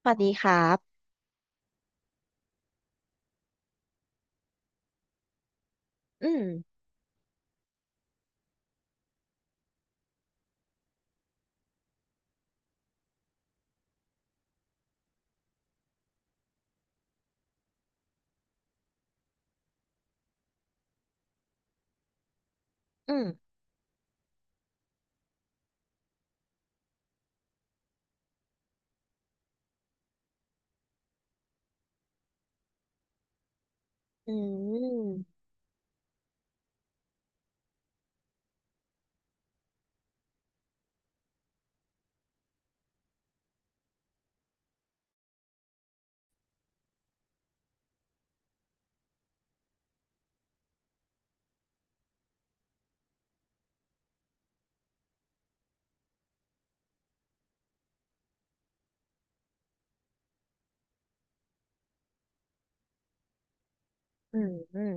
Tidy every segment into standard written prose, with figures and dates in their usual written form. สวัสดีครับอืมอืมอืมอืมอืม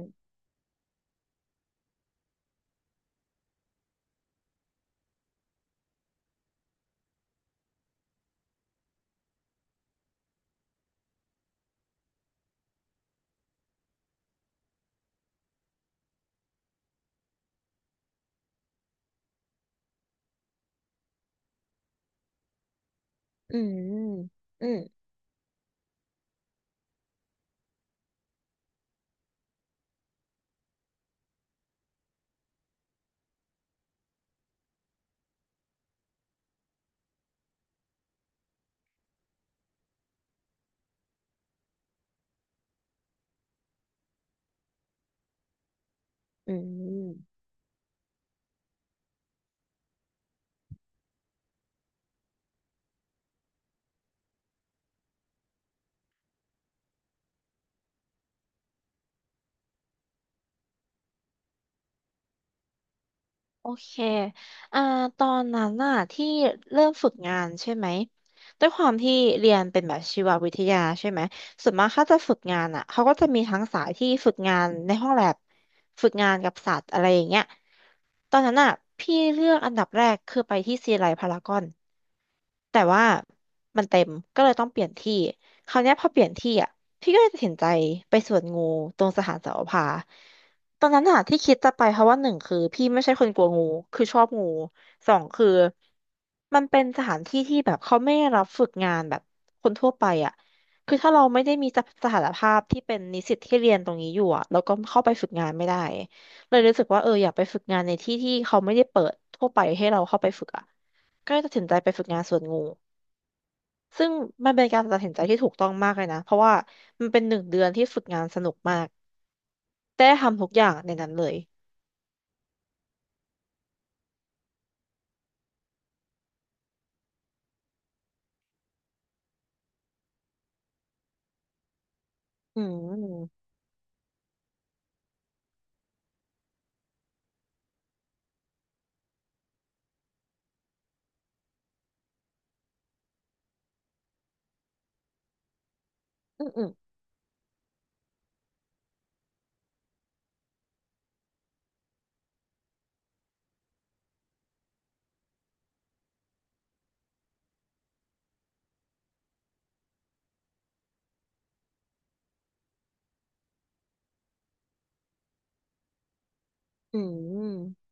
อืมอืมอืมโอเค อ่า ตอนนั้นน่ะที่เริ่มฝึกงานใช่ไหมด้วยความที่เรียนเป็นแบบชีววิทยาใช่ไหมส่วนมากเขาจะฝึกงานอ่ะเขาก็จะมีทั้งสายที่ฝึกงานในห้องแลบฝึกงานกับสัตว์อะไรอย่างเงี้ยตอนนั้นน่ะพี่เลือกอันดับแรกคือไปที่ซีไลพารากอน แต่ว่ามันเต็มก็เลยต้องเปลี่ยนที่คราวเนี้ยพอเปลี่ยนที่อ่ะพี่ก็เลยตัดสินใจไปสวนงูตรงสถานเสาวภาตอนนั้นอ่ะที่คิดจะไปเพราะว่าหนึ่งคือพี่ไม่ใช่คนกลัวงูคือชอบงูสองคือมันเป็นสถานที่ที่แบบเขาไม่รับฝึกงานแบบคนทั่วไปอ่ะคือถ้าเราไม่ได้มีสถานภาพที่เป็นนิสิตที่เรียนตรงนี้อยู่อ่ะแล้วก็เข้าไปฝึกงานไม่ได้เลยรู้สึกว่าเอออยากไปฝึกงานในที่ที่เขาไม่ได้เปิดทั่วไปให้เราเข้าไปฝึกอ่ะก็เลยตัดสินใจไปฝึกงานสวนงู ซึ่งมันเป็นการตัดสินใจที่ถูกต้องมากเลยนะ เพราะว่ามันเป็นหนึ่งเดือนที่ฝึกงานสนุกมากได้ทำทุกอย่างในนั้นเลย อืม อืม อืม อืม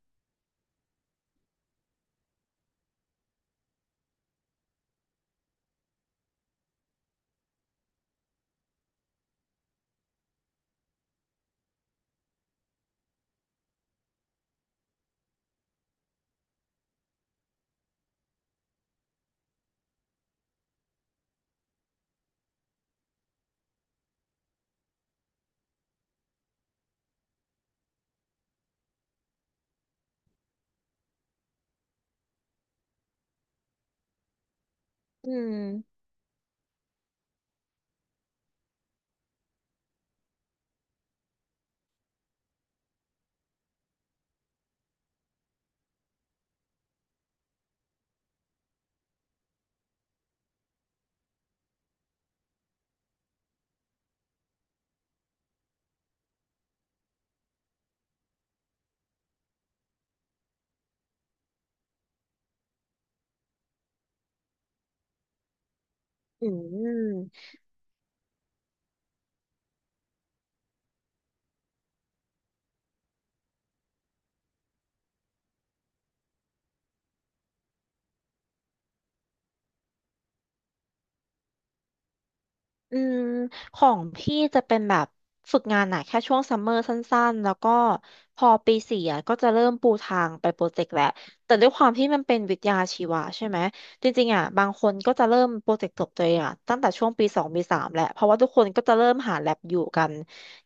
อืมอืม อืมของพี่จะเป็นแบบฝึกงานหนะแค่ช่วงซัมเมอร์สั้นๆแล้วก็พอปีสี่อะก็จะเริ่มปูทางไปโปรเจกต์แหละแต่ด้วยความที่มันเป็นวิทยาชีวะใช่ไหมจริงๆอ่ะบางคนก็จะเริ่มโปรเจกต์จบตัวเองอ่ะตั้งแต่ช่วงปีสองปีสามแหละเพราะว่าทุกคนก็จะเริ่มหาแลบอยู่กัน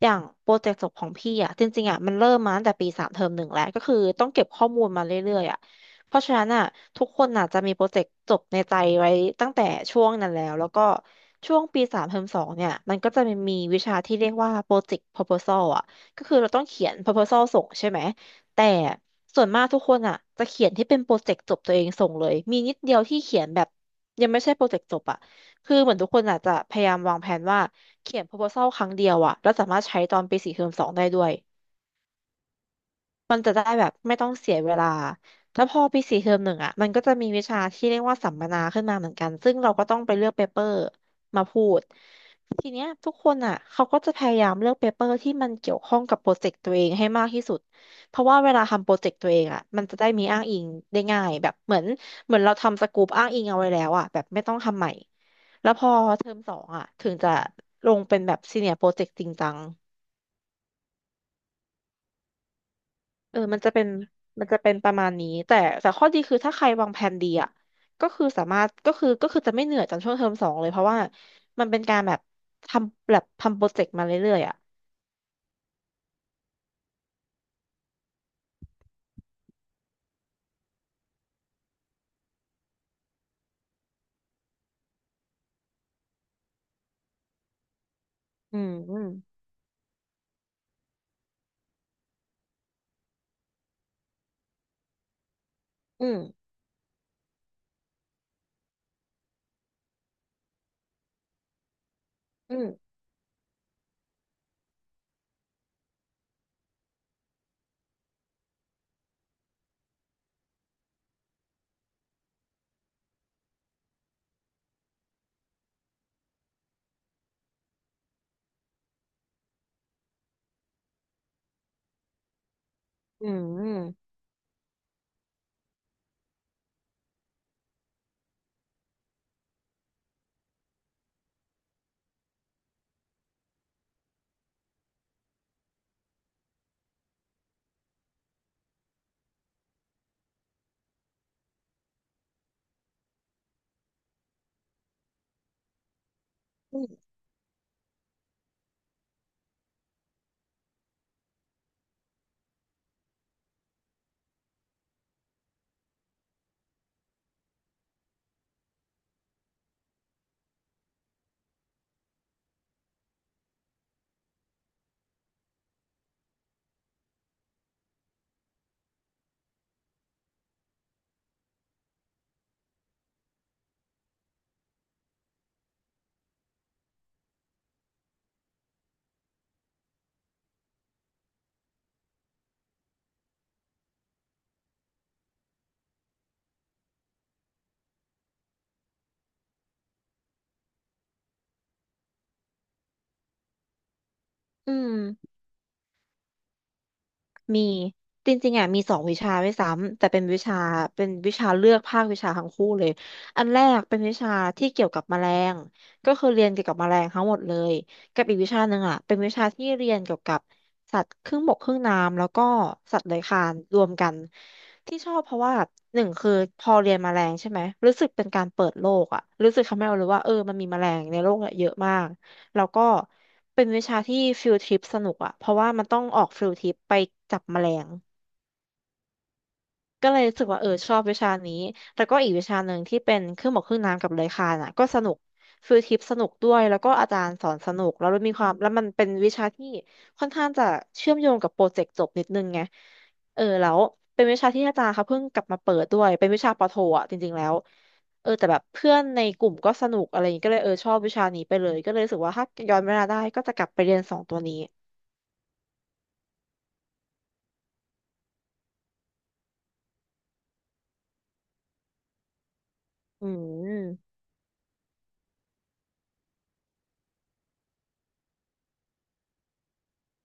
อย่างโปรเจกต์จบของพี่อ่ะจริงๆอ่ะมันเริ่มมาตั้งแต่ปีสามเทอมหนึ่งแล้วก็คือต้องเก็บข้อมูลมาเรื่อยๆอ่ะ เพราะฉะนั้นอ่ะทุกคนอ่ะจะมีโปรเจกต์จบในใจไว้ตั้งแต่ช่วงนั้นแล้วแล้วก็ช่วงปีสามเทอมสองเนี่ยมันก็จะมีวิชาที่เรียกว่าโปรเจกต์ proposal อ่ะก็คือเราต้องเขียน proposal ส่งใช่ไหมแต่ส่วนมากทุกคนอ่ะจะเขียนที่เป็นโปรเจกต์จบตัวเองส่งเลยมีนิดเดียวที่เขียนแบบยังไม่ใช่โปรเจกต์จบอ่ะคือเหมือนทุกคนอาจจะพยายามวางแผนว่าเขียน proposal ครั้งเดียวอ่ะแล้วสามารถใช้ตอนปีสี่เทอมสองได้ด้วย มันจะได้แบบไม่ต้องเสียเวลาแล้วพอปีสี่เทอมหนึ่งอ่ะมันก็จะมีวิชาที่เรียกว่าสัมมนาขึ้นมาเหมือนกันซึ่งเราก็ต้องไปเลือกเปเปอร์มาพูดทีเนี้ยทุกคนอ่ะเขาก็จะพยายามเลือกเปเปอร์ที่มันเกี่ยวข้องกับโปรเจกต์ตัวเองให้มากที่สุดเพราะว่าเวลาทำโปรเจกต์ตัวเองอ่ะมันจะได้มีอ้างอิงได้ง่ายแบบเหมือนเราทำสกูปอ้างอิงเอาไว้แล้วอ่ะแบบไม่ต้องทำใหม่แล้วพอเทอมสองอ่ะถึงจะลงเป็นแบบซีเนียร์โปรเจกต์จริงจัง เออมันจะเป็น มันจะเป็นประมาณนี้ แต่แต่ข้อดีคือถ้าใครวางแผนดีอ่ะก็คือสามารถก็คือจะไม่เหนื่อยจากช่วงเทอมสองเลยเพราะว่า มันเป็นการแบบทำแบบทำโปรเจกต์มาเรื่อยๆอ่ะอืม อืม อืมอืมอืมอืมอืม มีจริงๆอ่ะมีสองวิชาด้วยซ้ำแต่เป็นวิชาเป็นวิชาเลือกภาควิชาทั้งคู่เลยอันแรกเป็นวิชาที่เกี่ยวกับแมลงก็คือเรียนเกี่ยวกับแมลงทั้งหมดเลยกับอีกวิชาหนึ่งอ่ะเป็นวิชาที่เรียนเกี่ยวกับสัตว์ครึ่งบกครึ่งน้ำแล้วก็สัตว์เลื้อยคลานรวมกันที่ชอบเพราะว่าหนึ่งคือพอเรียนแมลงใช่ไหมรู้สึกเป็นการเปิดโลกอ่ะรู้สึกทำให้เรารู้ว่าเออมันมีแมลงในโลกอะเยอะมาก แล้วก็เป็นวิชาที่ฟิลทริปสนุกอะเพราะว่ามันต้องออกฟิลทริปไปจับแมลง ก็เลยรู้สึกว่าเออชอบวิชานี้แต่ก็อีกวิชาหนึ่งที่เป็นเครื่องหมอกเครื่องน้ำกับเลื้อยคลานอ่ะก็สนุกฟิลทริปสนุกด้วยแล้วก็อาจารย์สอนสนุกแล้วมีความแล้วมันเป็นวิชาที่ค่อนข้างจะเชื่อมโยงกับโปรเจกต์จบนิดนึงไงเออแล้วเป็นวิชาที่อาจารย์เขาเพิ่งกลับมาเปิดด้วยเป็นวิชาปอโทอ่ะจริงๆแล้วเออแต่แบบเพื่อนในกลุ่มก็สนุกอะไรอย่างงี้ก็เลยเออชอบวิชานี้ไปเลยก็เลยรู้สึกว่าถ้าย้อนเวลาได้ก็จะกลับไปเรียนสองตัวนี้อืม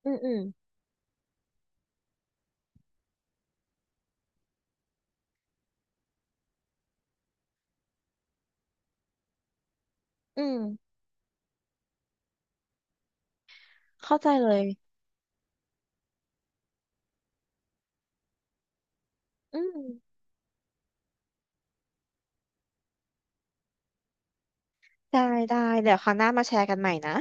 อืมอืมอืมเข้าใจเลยอืม ได้ได้เดี๋ยวคราวหน้ามาแชร์กันใหม่นะ